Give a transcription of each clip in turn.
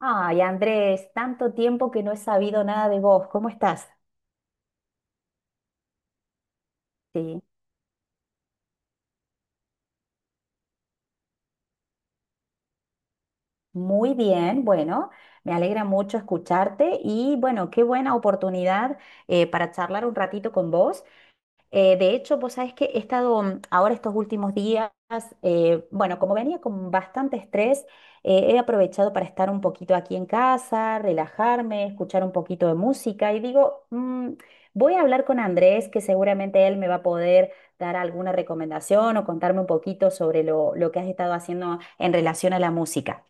Ay, Andrés, tanto tiempo que no he sabido nada de vos. ¿Cómo estás? Sí, muy bien. Bueno, me alegra mucho escucharte y bueno, qué buena oportunidad para charlar un ratito con vos. De hecho, vos sabés que he estado ahora estos últimos días, bueno, como venía con bastante estrés, he aprovechado para estar un poquito aquí en casa, relajarme, escuchar un poquito de música y digo, "Mm, voy a hablar con Andrés, que seguramente él me va a poder dar alguna recomendación o contarme un poquito sobre lo que has estado haciendo en relación a la música".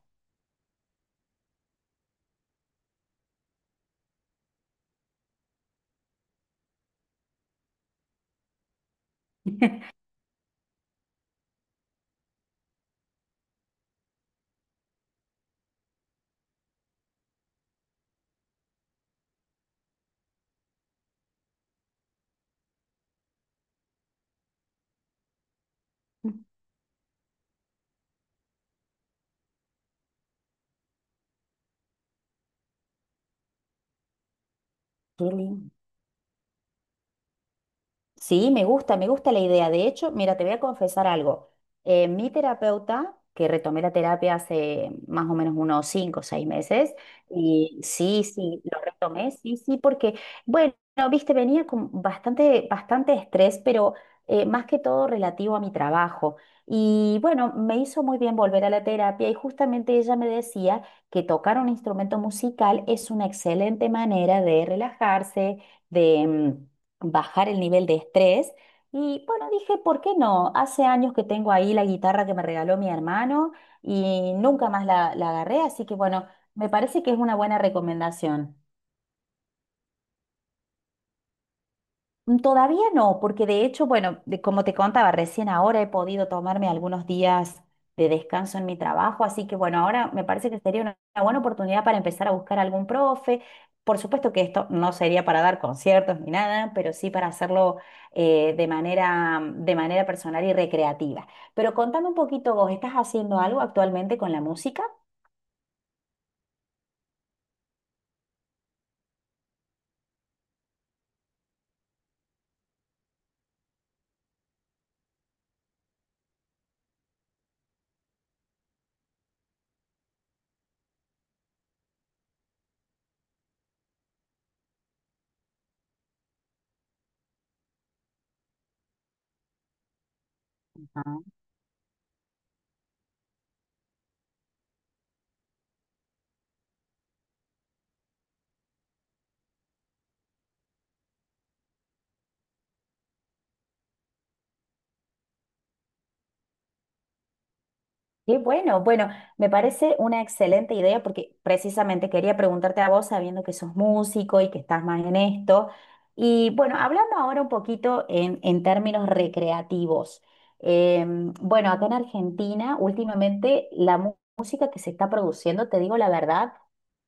Mm. Qué lindo. Sí, me gusta la idea. De hecho, mira, te voy a confesar algo. Mi terapeuta, que retomé la terapia hace más o menos unos cinco o seis meses, y sí, sí, lo retomé, sí, sí, porque, bueno, viste, venía con bastante, bastante estrés, pero más que todo relativo a mi trabajo. Y bueno, me hizo muy bien volver a la terapia y justamente ella me decía que tocar un instrumento musical es una excelente manera de relajarse, de... bajar el nivel de estrés. Y bueno, dije, ¿por qué no? Hace años que tengo ahí la guitarra que me regaló mi hermano y nunca más la agarré, así que bueno, me parece que es una buena recomendación. Mm, todavía no, porque de hecho, bueno, como te contaba, recién ahora he podido tomarme algunos días de descanso en mi trabajo, así que bueno, ahora me parece que sería una buena oportunidad para empezar a buscar algún profe. Por supuesto que esto no sería para dar conciertos ni nada, pero sí para hacerlo de manera personal y recreativa. Pero contame un poquito, ¿vos estás haciendo algo actualmente con la música? Qué bueno, bueno, me parece una excelente idea porque precisamente quería preguntarte a vos, sabiendo que sos músico y que estás más en esto. Y bueno, hablando ahora un poquito en términos recreativos. Bueno, acá en Argentina, últimamente la música que se está produciendo, te digo la verdad,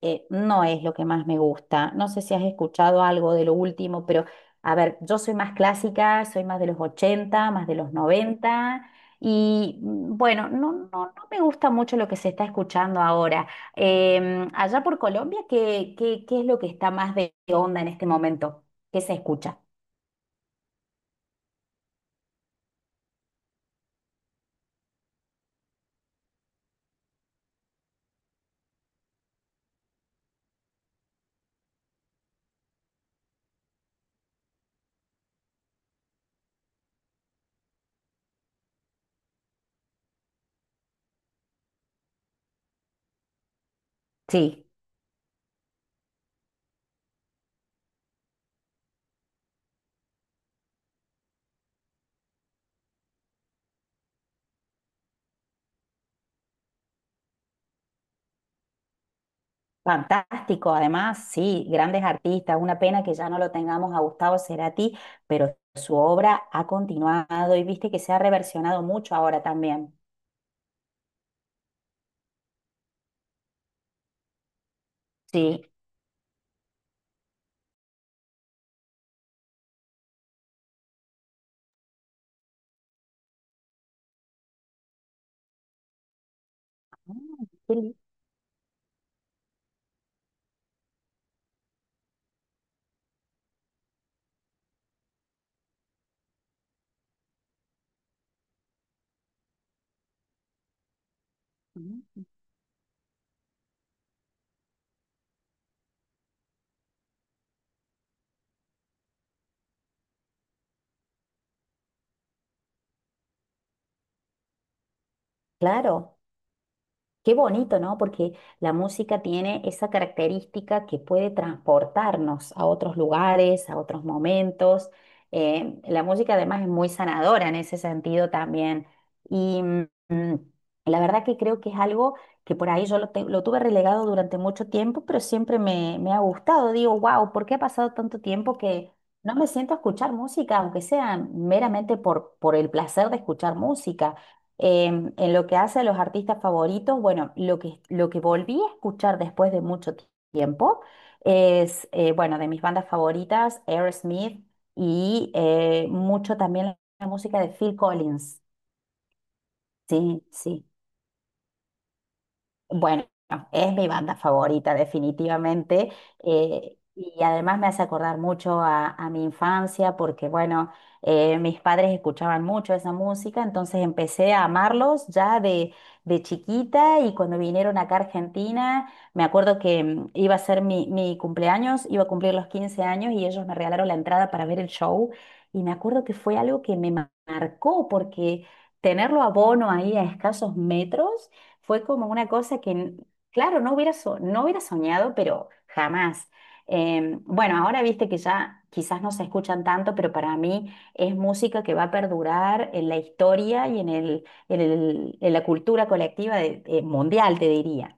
no es lo que más me gusta. No sé si has escuchado algo de lo último, pero a ver, yo soy más clásica, soy más de los 80, más de los 90. Y bueno, no, no, no me gusta mucho lo que se está escuchando ahora. Em, allá por Colombia, ¿qué, qué, qué es lo que está más de onda en este momento? ¿Qué se escucha? Sí, fantástico. Además, sí, grandes artistas. Una pena que ya no lo tengamos a Gustavo Cerati, pero su obra ha continuado y viste que se ha reversionado mucho ahora también. Sí. Ah, qué lindo. Claro. Qué bonito, ¿no? Porque la música tiene esa característica que puede transportarnos a otros lugares, a otros momentos. La música además es muy sanadora en ese sentido también. Y mm, la verdad que creo que es algo que por ahí yo lo tuve relegado durante mucho tiempo, pero siempre me, me ha gustado. Digo, wow, ¿por qué ha pasado tanto tiempo que no me siento a escuchar música, aunque sea meramente por el placer de escuchar música? En lo que hace a los artistas favoritos, bueno, lo que volví a escuchar después de mucho tiempo es, bueno, de mis bandas favoritas, Aerosmith y mucho también la música de Phil Collins. Sí, sí. Bueno, es mi banda favorita, definitivamente. Y además me hace acordar mucho a mi infancia, porque bueno, mis padres escuchaban mucho esa música, entonces empecé a amarlos ya de chiquita y cuando vinieron acá a Argentina, me acuerdo que iba a ser mi, mi cumpleaños, iba a cumplir los 15 años y ellos me regalaron la entrada para ver el show. Y me acuerdo que fue algo que me marcó, porque tenerlo a Bono ahí a escasos metros. Fue como una cosa que, claro, no hubiera, no hubiera soñado, pero jamás. Bueno, ahora viste que ya quizás no se escuchan tanto, pero para mí es música que va a perdurar en la historia y en en la cultura colectiva mundial, te diría.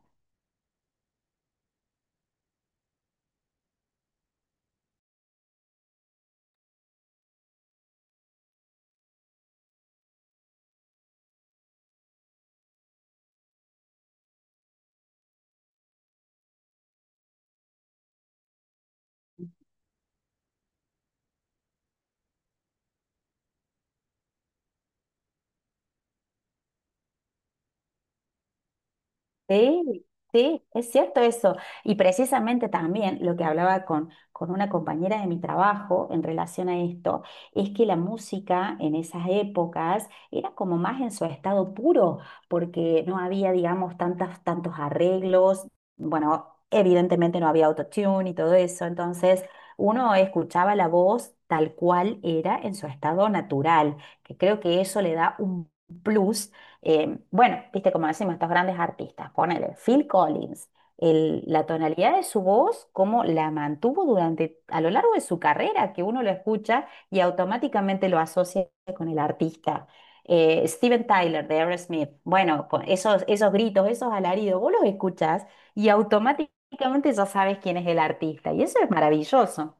Sí, sí, es cierto eso. Y precisamente también lo que hablaba con una compañera de mi trabajo en relación a esto, es que la música en esas épocas era como más en su estado puro, porque no había, digamos, tantos arreglos. Bueno, evidentemente no había autotune y todo eso, entonces uno escuchaba la voz tal cual era en su estado natural, que creo que eso le da un plus. Eh, bueno, viste como decimos estos grandes artistas, ponele Phil Collins, la tonalidad de su voz, cómo la mantuvo durante, a lo largo de su carrera, que uno lo escucha y automáticamente lo asocia con el artista. Steven Tyler de Aerosmith, bueno, con esos, esos gritos, esos alaridos, vos los escuchás y automáticamente ya sabes quién es el artista y eso es maravilloso,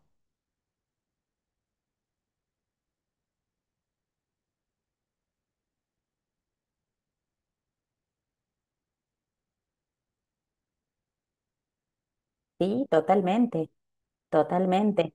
sí, totalmente, totalmente.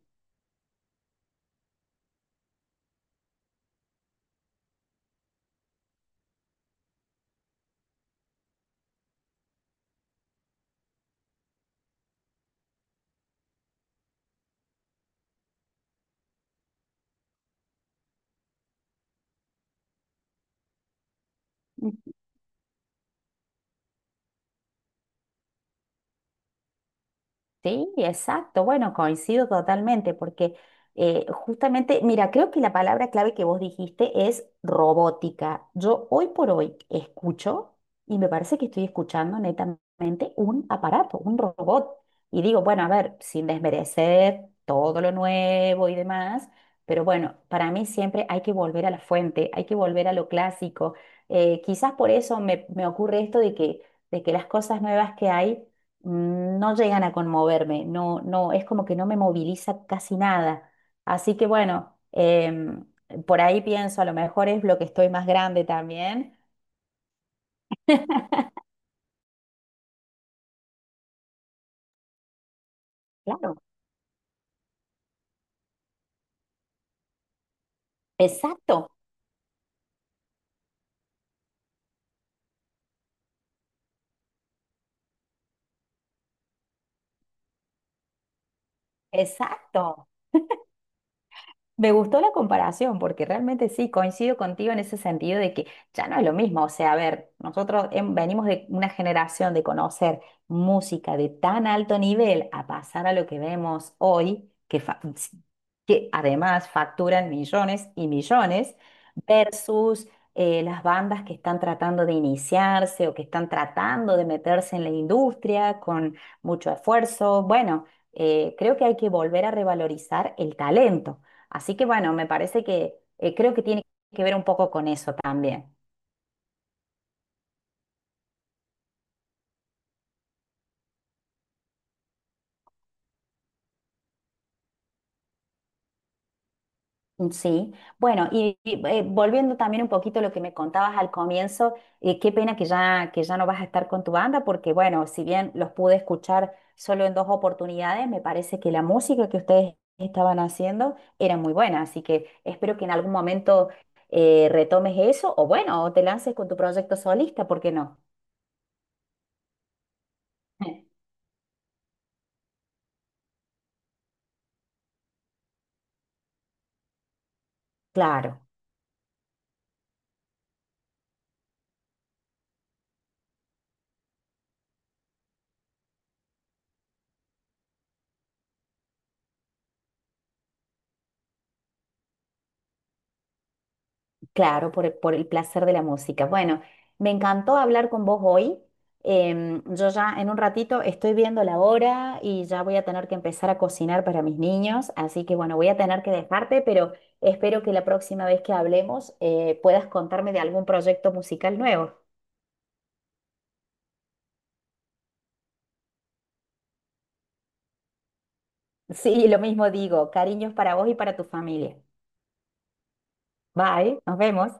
Sí, exacto. Bueno, coincido totalmente porque justamente, mira, creo que la palabra clave que vos dijiste es robótica. Yo hoy por hoy escucho y me parece que estoy escuchando netamente un aparato, un robot. Y digo, bueno, a ver, sin desmerecer todo lo nuevo y demás, pero bueno, para mí siempre hay que volver a la fuente, hay que volver a lo clásico. Quizás por eso me, me ocurre esto de que las cosas nuevas que hay no llegan a conmoverme, no, no, es como que no me moviliza casi nada. Así que bueno, por ahí pienso, a lo mejor es lo que estoy más grande también. Claro. Exacto, exacto. Me gustó la comparación porque realmente sí, coincido contigo en ese sentido de que ya no es lo mismo. O sea, a ver, nosotros venimos de una generación de conocer música de tan alto nivel a pasar a lo que vemos hoy, que, que además facturan millones y millones, versus las bandas que están tratando de iniciarse o que están tratando de meterse en la industria con mucho esfuerzo. Bueno, creo que hay que volver a revalorizar el talento. Así que bueno, me parece que creo que tiene que ver un poco con eso también. Sí, bueno, y, volviendo también un poquito a lo que me contabas al comienzo, qué pena que ya no vas a estar con tu banda, porque bueno, si bien los pude escuchar solo en 2 oportunidades, me parece que la música que ustedes estaban haciendo era muy buena, así que espero que en algún momento retomes eso, o bueno, o te lances con tu proyecto solista, ¿por qué no? Claro. Claro, por el placer de la música. Bueno, me encantó hablar con vos hoy. Em, yo ya en un ratito estoy viendo la hora y ya voy a tener que empezar a cocinar para mis niños, así que bueno, voy a tener que dejarte, pero espero que la próxima vez que hablemos puedas contarme de algún proyecto musical nuevo. Sí, lo mismo digo. Cariños para vos y para tu familia. Bye, nos vemos.